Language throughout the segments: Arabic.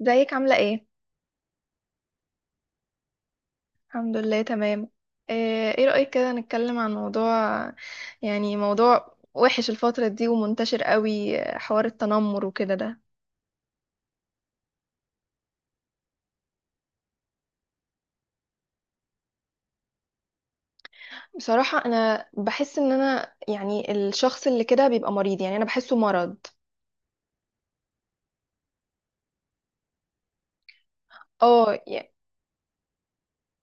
ازيك عاملة ايه؟ الحمد لله تمام. إيه رأيك كده نتكلم عن موضوع، يعني موضوع وحش الفترة دي ومنتشر قوي، حوار التنمر وكده ده. بصراحة انا بحس ان انا، يعني الشخص اللي كده بيبقى مريض، يعني انا بحسه مرض. اه يعني-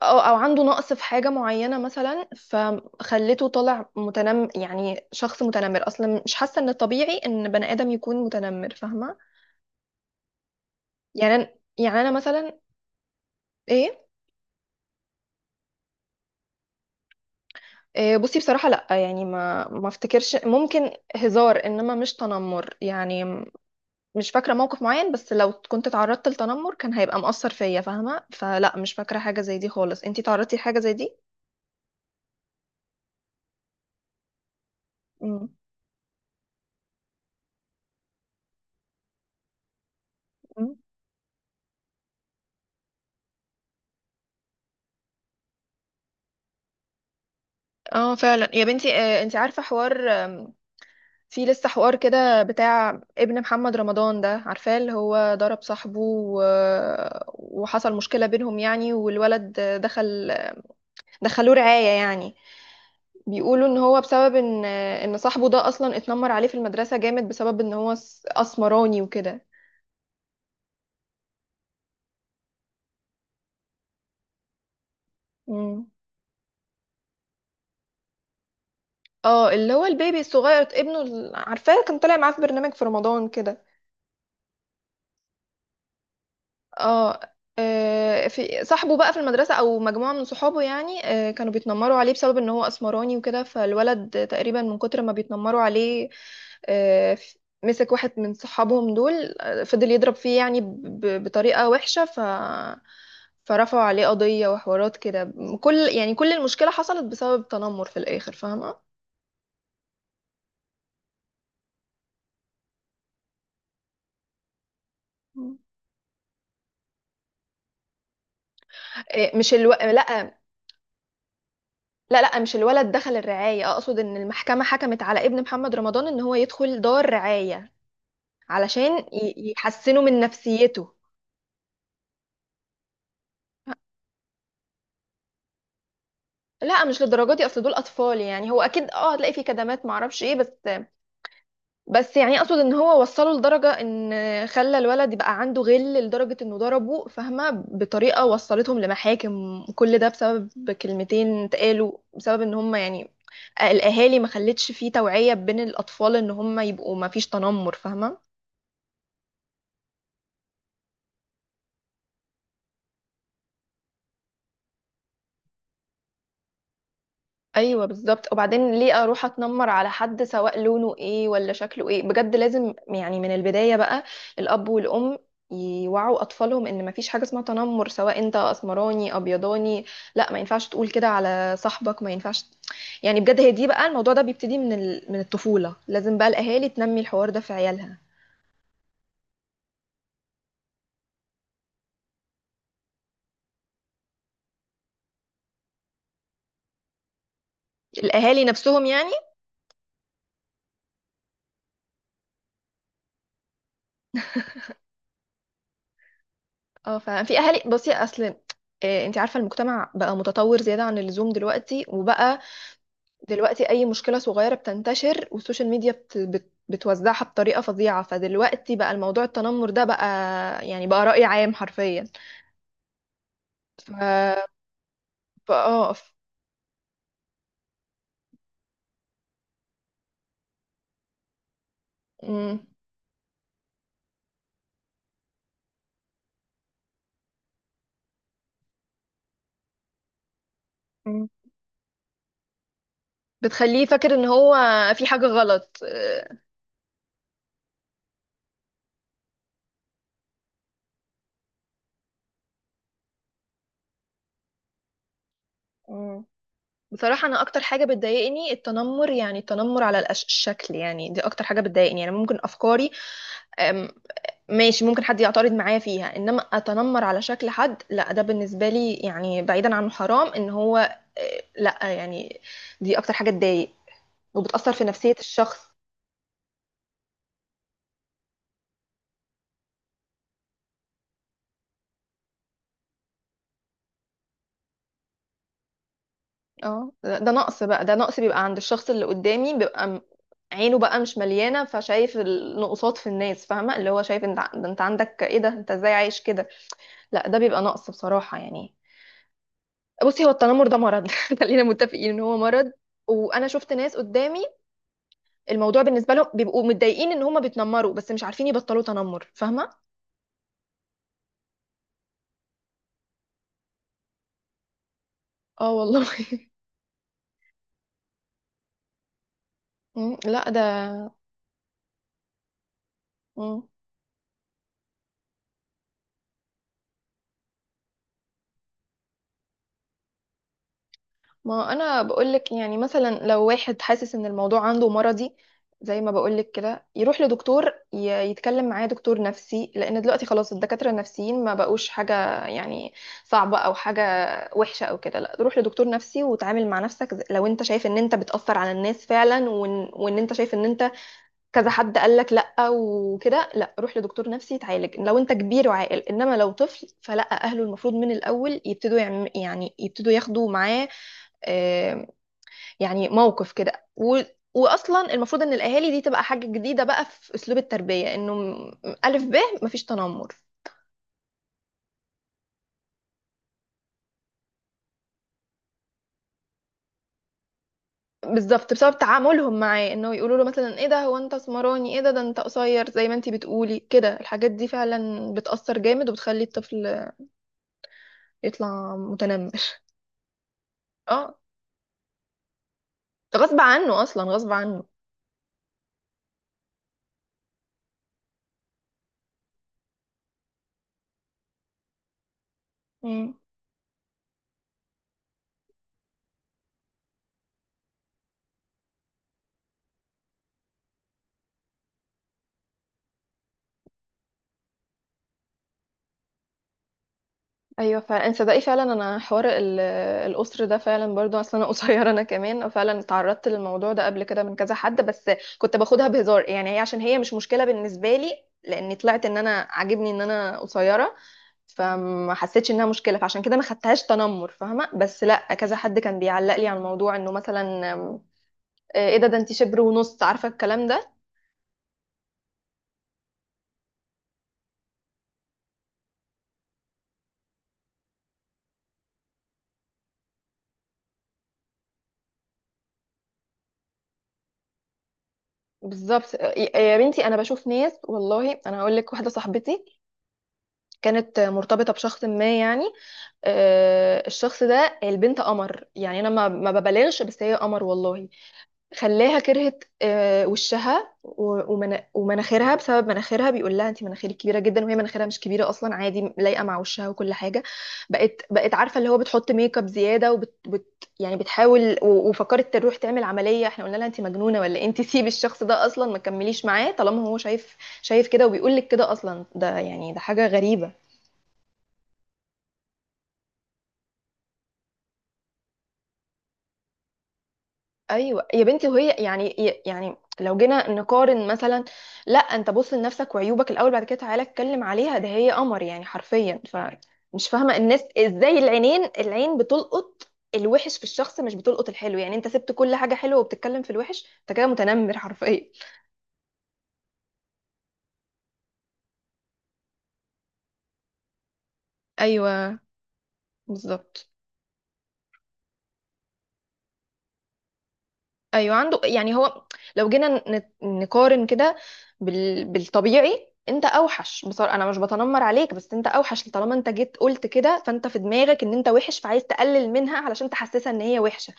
او عنده نقص في حاجة معينة مثلا فخلته طالع متنم، يعني شخص متنمر اصلا. مش حاسة ان الطبيعي ان بني آدم يكون متنمر، فاهمة؟ يعني أنا- يعني انا مثلا ايه. بصي بصراحة لأ، يعني ما افتكرش، ممكن هزار إنما مش تنمر، مش فاكرة موقف معين. بس لو كنت تعرضت لتنمر كان هيبقى مؤثر فيا فاهمة، فلأ مش فاكرة حاجة زي دي خالص. انتي تعرضتي لحاجة زي دي؟ مم. مم. اه فعلا يا بنتي، انتي عارفة حوار في لسه حوار كده بتاع ابن محمد رمضان، ده عارفاه اللي هو ضرب صاحبه وحصل مشكلة بينهم يعني، والولد دخل، دخلوه رعاية يعني. بيقولوا ان هو بسبب ان صاحبه ده اصلا اتنمر عليه في المدرسة جامد، بسبب ان هو اسمراني وكده. مم. اه اللي هو البيبي الصغير، ابنه عارفاه كان طالع معاه في برنامج في رمضان كده. اه، في صاحبه بقى في المدرسة أو مجموعة من صحابه يعني، كانوا بيتنمروا عليه بسبب إن هو أسمراني وكده، فالولد تقريبا من كتر ما بيتنمروا عليه، آه، ف- مسك واحد من صحابهم دول، فضل يضرب فيه يعني بطريقة وحشة. فرفعوا عليه قضية وحوارات كده. كل، يعني كل المشكلة حصلت بسبب تنمر في الآخر، فاهمة؟ مم. إيه، مش الو... لا، لا لا، مش الولد دخل الرعاية، أقصد إن المحكمة حكمت على ابن محمد رمضان إن هو يدخل دار رعاية علشان يحسنوا من نفسيته. لا مش للدرجه دي، اصل دول اطفال يعني، هو اكيد اه هتلاقي فيه كدمات معرفش ايه، بس بس يعني اقصد ان هو وصله لدرجه ان خلى الولد يبقى عنده غل لدرجه انه ضربه، فاهمه، بطريقه وصلتهم لمحاكم، كل ده بسبب كلمتين اتقالوا، بسبب ان هم يعني الاهالي ما خلتش فيه توعيه بين الاطفال ان هم يبقوا ما فيش تنمر، فاهمه. ايوه بالظبط، وبعدين ليه اروح اتنمر على حد سواء لونه ايه ولا شكله ايه؟ بجد لازم يعني من البدايه بقى الاب والام يوعوا اطفالهم ان مفيش حاجه اسمها تنمر، سواء انت اسمراني ابيضاني، لا ما ينفعش تقول كده على صاحبك، ما ينفعش. يعني بجد هي دي بقى، الموضوع ده بيبتدي من من الطفوله، لازم بقى الاهالي تنمي الحوار ده في عيالها. الاهالي نفسهم يعني. اه ففي اهالي، بصي اصل انت عارفه المجتمع بقى متطور زياده عن اللزوم دلوقتي، وبقى دلوقتي اي مشكله صغيره بتنتشر، والسوشيال ميديا بتوزعها بطريقه فظيعه، فدلوقتي بقى الموضوع التنمر ده بقى يعني بقى رأي عام حرفيا. ف ف- اه ف... مم. مم. بتخليه فاكر ان هو في حاجه غلط، مم. بصراحة أنا أكتر حاجة بتضايقني التنمر، يعني التنمر على الشكل، يعني دي أكتر حاجة بتضايقني. يعني ممكن أفكاري ماشي، ممكن حد يعترض معايا فيها، انما اتنمر على شكل حد لا، ده بالنسبه لي يعني، بعيدا عن حرام ان هو، لا يعني دي اكتر حاجه تضايق وبتاثر في نفسيه الشخص. اه ده نقص بقى، ده نقص بيبقى عند الشخص اللي قدامي، عينه بقى مش مليانه، فشايف النقصات في الناس، فاهمه، اللي هو شايف انت ده، انت عندك ايه؟ ده انت ازاي عايش كده؟ لا ده بيبقى نقص بصراحه يعني. بصي هو التنمر ده مرض، خلينا متفقين ان هو مرض. وانا شفت ناس قدامي الموضوع بالنسبه لهم بيبقوا متضايقين ان هم بيتنمروا، بس مش عارفين يبطلوا تنمر، فاهمه. اه والله. مم، لا ده مم. ما انا بقولك، يعني مثلا لو واحد حاسس ان الموضوع عنده مرضي زي ما بقولك كده، يروح لدكتور، يتكلم معاه دكتور نفسي، لان دلوقتي خلاص الدكاتره النفسيين ما بقوش حاجه يعني صعبه او حاجه وحشه او كده. لا روح لدكتور نفسي وتعامل مع نفسك، لو انت شايف ان انت بتأثر على الناس فعلا، وإن انت شايف ان انت كذا حد قال لك لا وكده، لا روح لدكتور نفسي يتعالج لو انت كبير وعاقل، انما لو طفل فلا، اهله المفروض من الاول يبتدوا يعم، يعني يبتدوا ياخدوا معاه آه، يعني موقف كده، و واصلا المفروض ان الاهالي دي تبقى حاجه جديده بقى في اسلوب التربيه الف ب، مفيش تنمر. بالظبط بسبب تعاملهم معاه، انه يقولوا له مثلا ايه ده، هو انت اسمراني، ايه ده، ده انت قصير، زي ما انت بتقولي كده، الحاجات دي فعلا بتأثر جامد وبتخلي الطفل يطلع متنمر. اه غصب عنه، اصلا غصب عنه. مم. ايوه فعلا انت صدقي، فعلا انا حوار الاسر ده فعلا برضو، اصلا انا قصيره، انا كمان فعلا اتعرضت للموضوع ده قبل كده من كذا حد، بس كنت باخدها بهزار يعني، هي عشان هي مش مشكله بالنسبه لي، لاني طلعت ان انا عاجبني ان انا قصيره، فما حسيتش انها مشكله، فعشان كده ما خدتهاش تنمر، فاهمه. بس لا كذا حد كان بيعلق لي على الموضوع، انه مثلا ايه ده، ده انت شبر ونص، عارفه الكلام ده. بالظبط، يا بنتي انا بشوف ناس، والله انا هقول لك واحده صاحبتي كانت مرتبطة بشخص ما يعني، الشخص ده البنت قمر يعني، انا ما ببالغش، بس هي قمر والله، خلاها كرهت وشها ومناخيرها، بسبب مناخيرها بيقول لها انت مناخيرك كبيرة جدا، وهي مناخيرها مش كبيرة اصلا، عادي لايقة مع وشها وكل حاجة. بقت عارفة اللي هو بتحط ميك اب زيادة، وبت يعني بتحاول، وفكرت تروح تعمل عملية، احنا قلنا لها انت مجنونة ولا إيه؟ انت سيبي الشخص ده اصلا، ما تكمليش معاه طالما هو شايف، شايف كده وبيقول لك كده، اصلا ده يعني ده حاجة غريبة. ايوه يا بنتي، وهي يعني، يعني لو جينا نقارن مثلا، لا انت بص لنفسك وعيوبك الاول، بعد كده تعالى اتكلم عليها، ده هي قمر يعني حرفيا. فمش فاهمه الناس ازاي، العينين العين بتلقط الوحش في الشخص مش بتلقط الحلو، يعني انت سبت كل حاجه حلوه وبتتكلم في الوحش، انت كده متنمر حرفيا. ايوه بالظبط. ايوه عنده يعني، هو لو جينا نقارن كده بالطبيعي انت اوحش، بصراحه انا مش بتنمر عليك، بس انت اوحش، طالما انت جيت قلت كده، فانت في دماغك ان انت وحش، فعايز تقلل منها علشان تحسسها ان هي وحشه،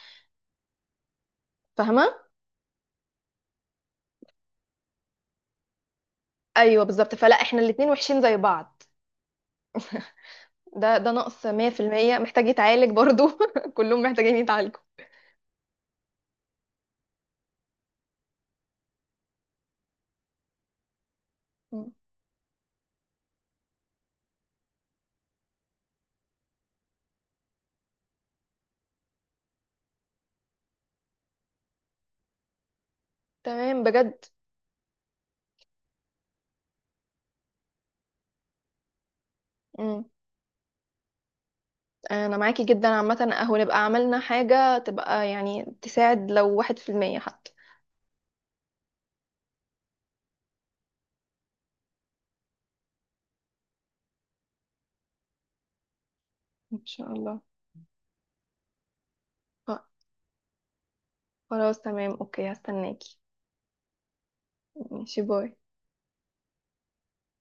فاهمه. ايوه بالظبط، فلا احنا الاتنين وحشين زي بعض. ده نقص 100%، محتاج يتعالج برضو. كلهم محتاجين يتعالجوا. مم. تمام بجد. مم. انا معاكي جدا، عامه اهو نبقى عملنا حاجه تبقى يعني تساعد لو 1% حتى. ان شاء الله. خلاص تمام، اوكي هستناكي. ماشي، باي.